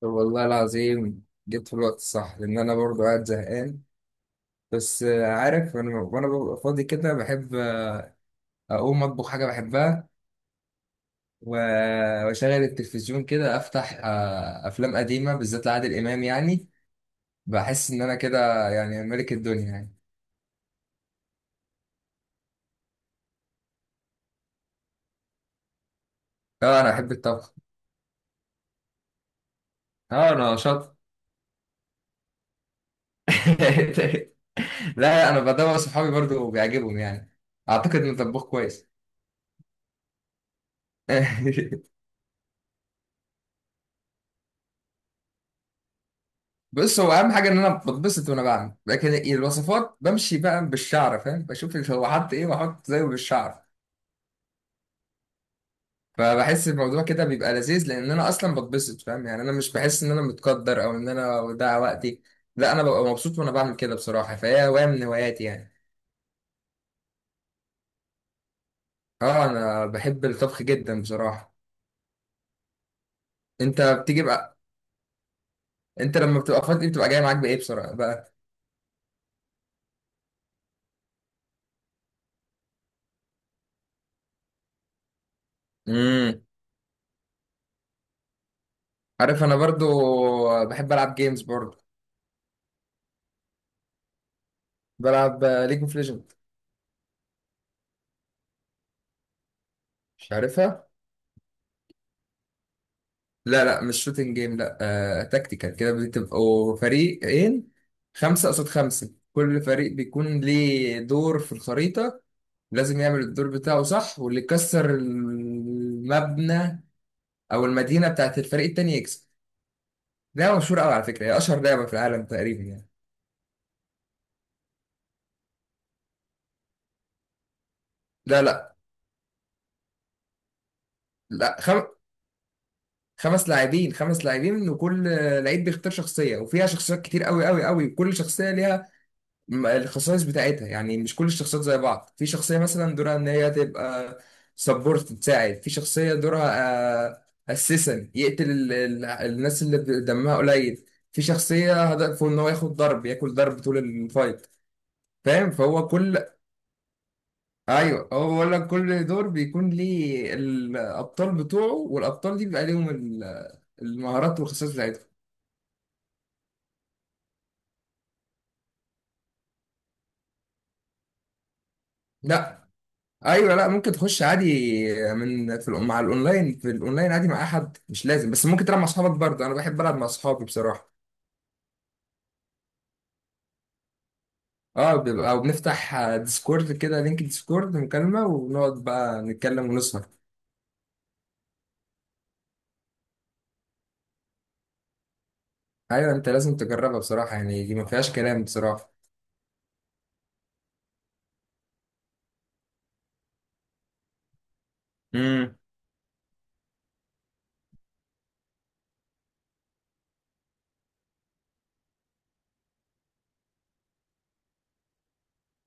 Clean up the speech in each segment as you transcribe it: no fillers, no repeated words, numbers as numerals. طب والله العظيم، جبت في الوقت الصح، لأن أنا برضو قاعد زهقان. بس عارف، أنا وأنا ببقى فاضي كده بحب أقوم أطبخ حاجة بحبها، و- وأشغل التلفزيون كده، أفتح أفلام قديمة بالذات لعادل إمام، يعني بحس إن أنا كده يعني ملك الدنيا يعني. أه، أنا بحب الطبخ. أه، أنا شاطر. لا، أنا بدور صحابي برضو بيعجبهم، يعني أعتقد إن طباخ كويس. بص، هو اهم حاجه ان انا بتبسط وانا بعمل. لكن الوصفات بمشي بقى بالشعر، فاهم؟ بشوف هو حط ايه واحط زيه بالشعر. فبحس الموضوع كده بيبقى لذيذ، لان انا اصلا بتبسط، فاهم؟ يعني انا مش بحس ان انا متقدر، او ان انا وده وقتي. لا، انا ببقى مبسوط وانا بعمل كده بصراحه، فهي هوايه من هواياتي يعني. اه، انا بحب الطبخ جدا بصراحه. انت بتيجي بقى انت لما بتبقى فاضي، بتبقى جاي معاك بايه بصراحه بقى؟ امم. عارف، انا برضو بحب العب جيمز برضو. بلعب ليج اوف ليجند. مش عارفها. لا لا، مش شوتنج جيم. لا، تكتيكال كده، بتبقوا فريقين، خمسة قصاد خمسة، كل فريق بيكون ليه دور في الخريطة، لازم يعمل الدور بتاعه صح، واللي يكسر المبنى أو المدينة بتاعت الفريق التاني يكسب. لعبة مشهورة أوي على فكرة، هي أشهر لعبة في العالم تقريبا يعني. لا لا لا. خمس لاعبين، خمس لاعبين، وكل لعيب بيختار شخصية، وفيها شخصيات كتير أوي أوي أوي، وكل شخصية ليها الخصائص بتاعتها، يعني مش كل الشخصيات زي بعض. في شخصية مثلا دورها ان هي تبقى سبورت تساعد، في شخصية دورها اسيسن يقتل ال الناس اللي دمها قليل، في شخصية هدفه ان هو ياخد ضرب، ياكل ضرب طول الفايت، فاهم؟ فهو كل ايوه، هو بقول لك، كل دور بيكون ليه الابطال بتوعه، والابطال دي بيبقى ليهم المهارات والخصائص بتاعتهم. لا، ايوه، لا، ممكن تخش عادي. مع الاونلاين، في الاونلاين عادي، مع احد مش لازم. بس ممكن تلعب مع اصحابك برضه، انا بحب العب مع اصحابي بصراحه. اه، بيبقى او بنفتح ديسكورد كده، لينك ديسكورد مكالمه، ونقعد بقى نتكلم ونسهر. ايوه، انت لازم تجربها بصراحه يعني، دي ما فيهاش كلام بصراحه. امم.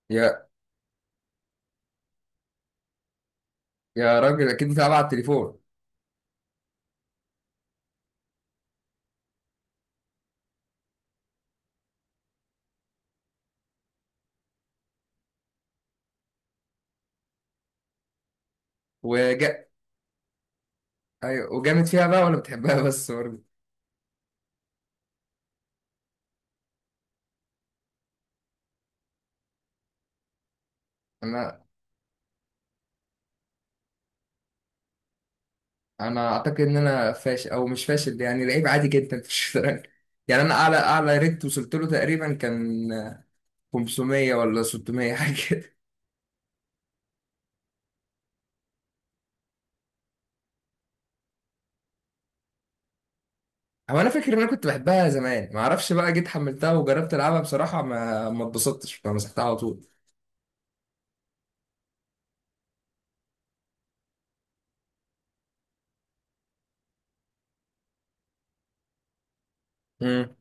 يا يا راجل، اكيد بتلعب على التليفون. وجا ايوه، وجامد فيها بقى ولا بتحبها؟ بس برضه. انا انا اعتقد ان انا فاشل، او مش فاشل يعني، لعيب عادي جدا في الشطرنج. يعني انا اعلى ريت وصلت له تقريبا كان 500 ولا 600، حاجه كده. هو انا فاكر ان انا كنت بحبها زمان، ما اعرفش بقى، جيت حملتها وجربت العبها بصراحه ما اتبسطتش، فمسحتها على طول. امم.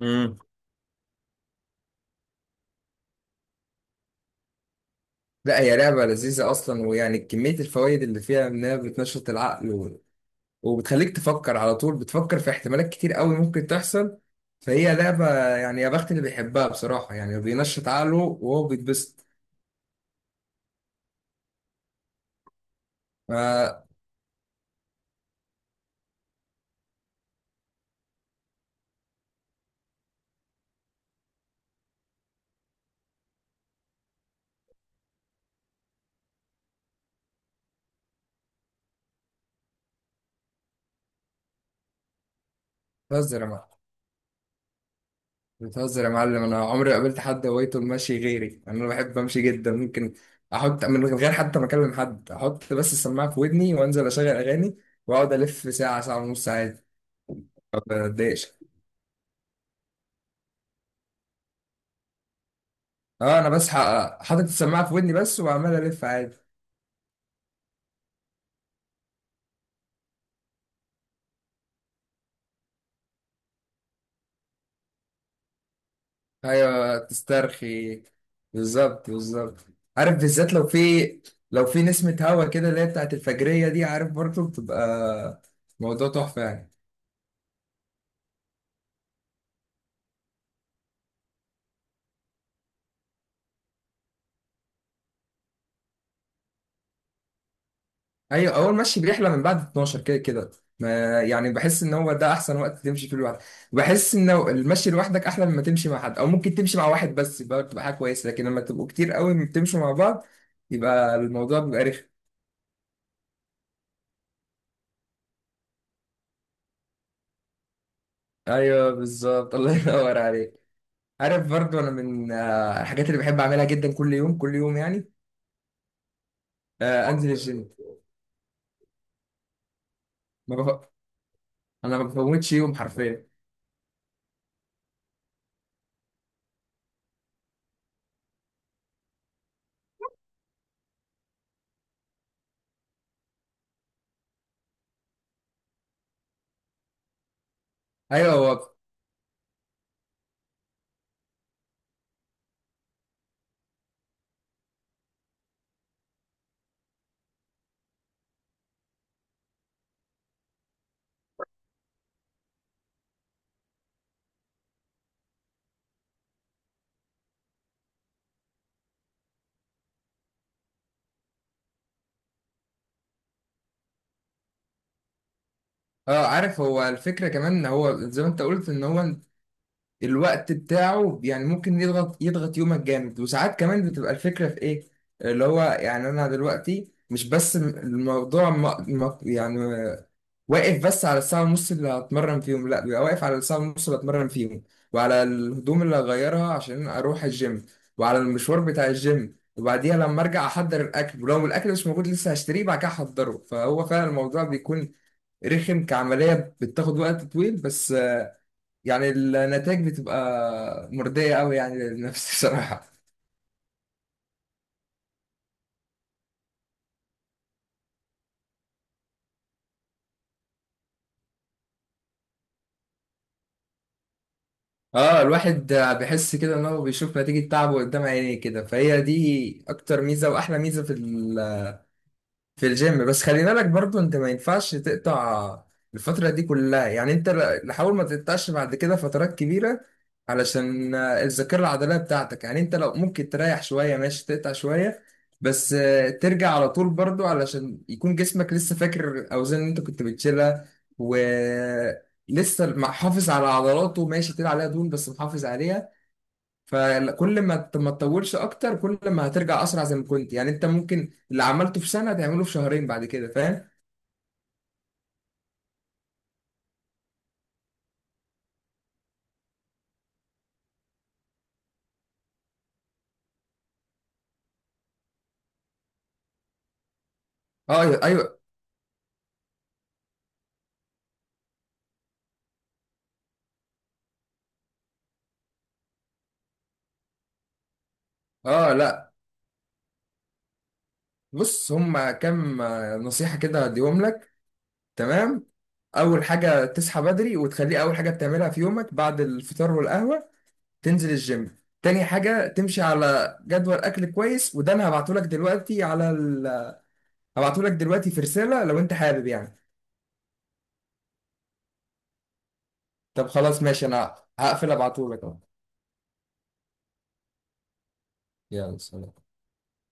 امم. لا، هي لعبه لذيذه اصلا، ويعني كميه الفوائد اللي فيها انها بتنشط العقل، وبتخليك تفكر على طول، بتفكر في احتمالات كتير قوي ممكن تحصل. فهي لعبة يعني يا بخت اللي بيحبها بصراحة، يعني بينشط عقله وهو بيتبسط. ما- بتهزر يا معلم! بتهزر يا معلم! أنا عمري ما قابلت حد هوايته المشي غيري، أنا بحب أمشي جدا، ممكن أحط من غير حتى ما أكلم حد، أحط بس السماعة في ودني وأنزل أشغل أغاني، وأقعد ألف ساعة، ساعة ونص عادي، ما بتضايقش. أه، أنا بس حاطط السماعة في ودني بس، وعمال ألف عادي. ايوه، تسترخي، بالظبط بالظبط. عارف، بالذات لو في نسمة هوا كده، اللي هي بتاعت الفجرية دي، عارف برضه، بتبقى موضوع تحفة يعني. ايوه، اول مشي بيحلى من بعد 12، كده كده، ما يعني، بحس ان هو ده احسن وقت تمشي فيه لوحدك. بحس ان المشي لوحدك احلى مما تمشي مع حد، او ممكن تمشي مع واحد بس، يبقى بتبقى حاجة كويسة. لكن لما تبقوا كتير قوي بتمشوا مع بعض، يبقى الموضوع بيبقى رخم. ايوه، بالظبط. الله ينور عليك. عارف، برضو انا من الحاجات اللي بحب اعملها جدا كل يوم، كل يوم يعني، انزل الجيم. ما بف... انا ما بفوتش يوم حرفيا. ايوه. اه، عارف، هو الفكره كمان ان هو زي ما انت قلت، ان هو الوقت بتاعه يعني ممكن يضغط يومك جامد. وساعات كمان بتبقى الفكرة في ايه، اللي هو يعني، انا دلوقتي مش بس الموضوع، يعني، واقف بس على الساعة ونص اللي هتمرن فيهم، لا بيبقى واقف على الساعة ونص اللي هتمرن فيهم، وعلى الهدوم اللي هغيرها عشان اروح الجيم، وعلى المشوار بتاع الجيم، وبعديها لما ارجع احضر الاكل، ولو الاكل مش موجود لسه هشتريه بعد كده احضره. فهو فعلا الموضوع بيكون رخم كعملية، بتاخد وقت طويل، بس يعني النتائج بتبقى مرضية قوي يعني للنفس بصراحة. اه، الواحد بيحس كده ان هو بيشوف نتيجة تعبه قدام عينيه كده، فهي دي اكتر ميزة واحلى ميزة في الجيم. بس خلي بالك برضو، انت ما ينفعش تقطع الفترة دي كلها، يعني انت لحاول ما تقطعش بعد كده فترات كبيرة، علشان الذاكرة العضلية بتاعتك، يعني انت لو ممكن تريح شوية ماشي، تقطع شوية بس ترجع على طول برضو، علشان يكون جسمك لسه فاكر الأوزان اللي انت كنت بتشيلها، ولسه محافظ على عضلاته، ماشي تقيل عليها دهون بس محافظ عليها. فكل ما ما تطولش اكتر، كل ما هترجع اسرع زي ما كنت، يعني انت ممكن اللي عملته في سنه تعمله في شهرين بعد كده، فاهم؟ اه، ايوه، أيوة. اه، لا، بص هما كام نصيحه كده هديهم لك. تمام. اول حاجه، تصحى بدري وتخليه اول حاجه بتعملها في يومك، بعد الفطار والقهوه تنزل الجيم. تاني حاجه، تمشي على جدول اكل كويس، وده انا هبعته لك دلوقتي على هبعته لك دلوقتي في رساله لو انت حابب يعني. طب خلاص، ماشي، انا هقفل ابعته لك اهو. يلا سلام.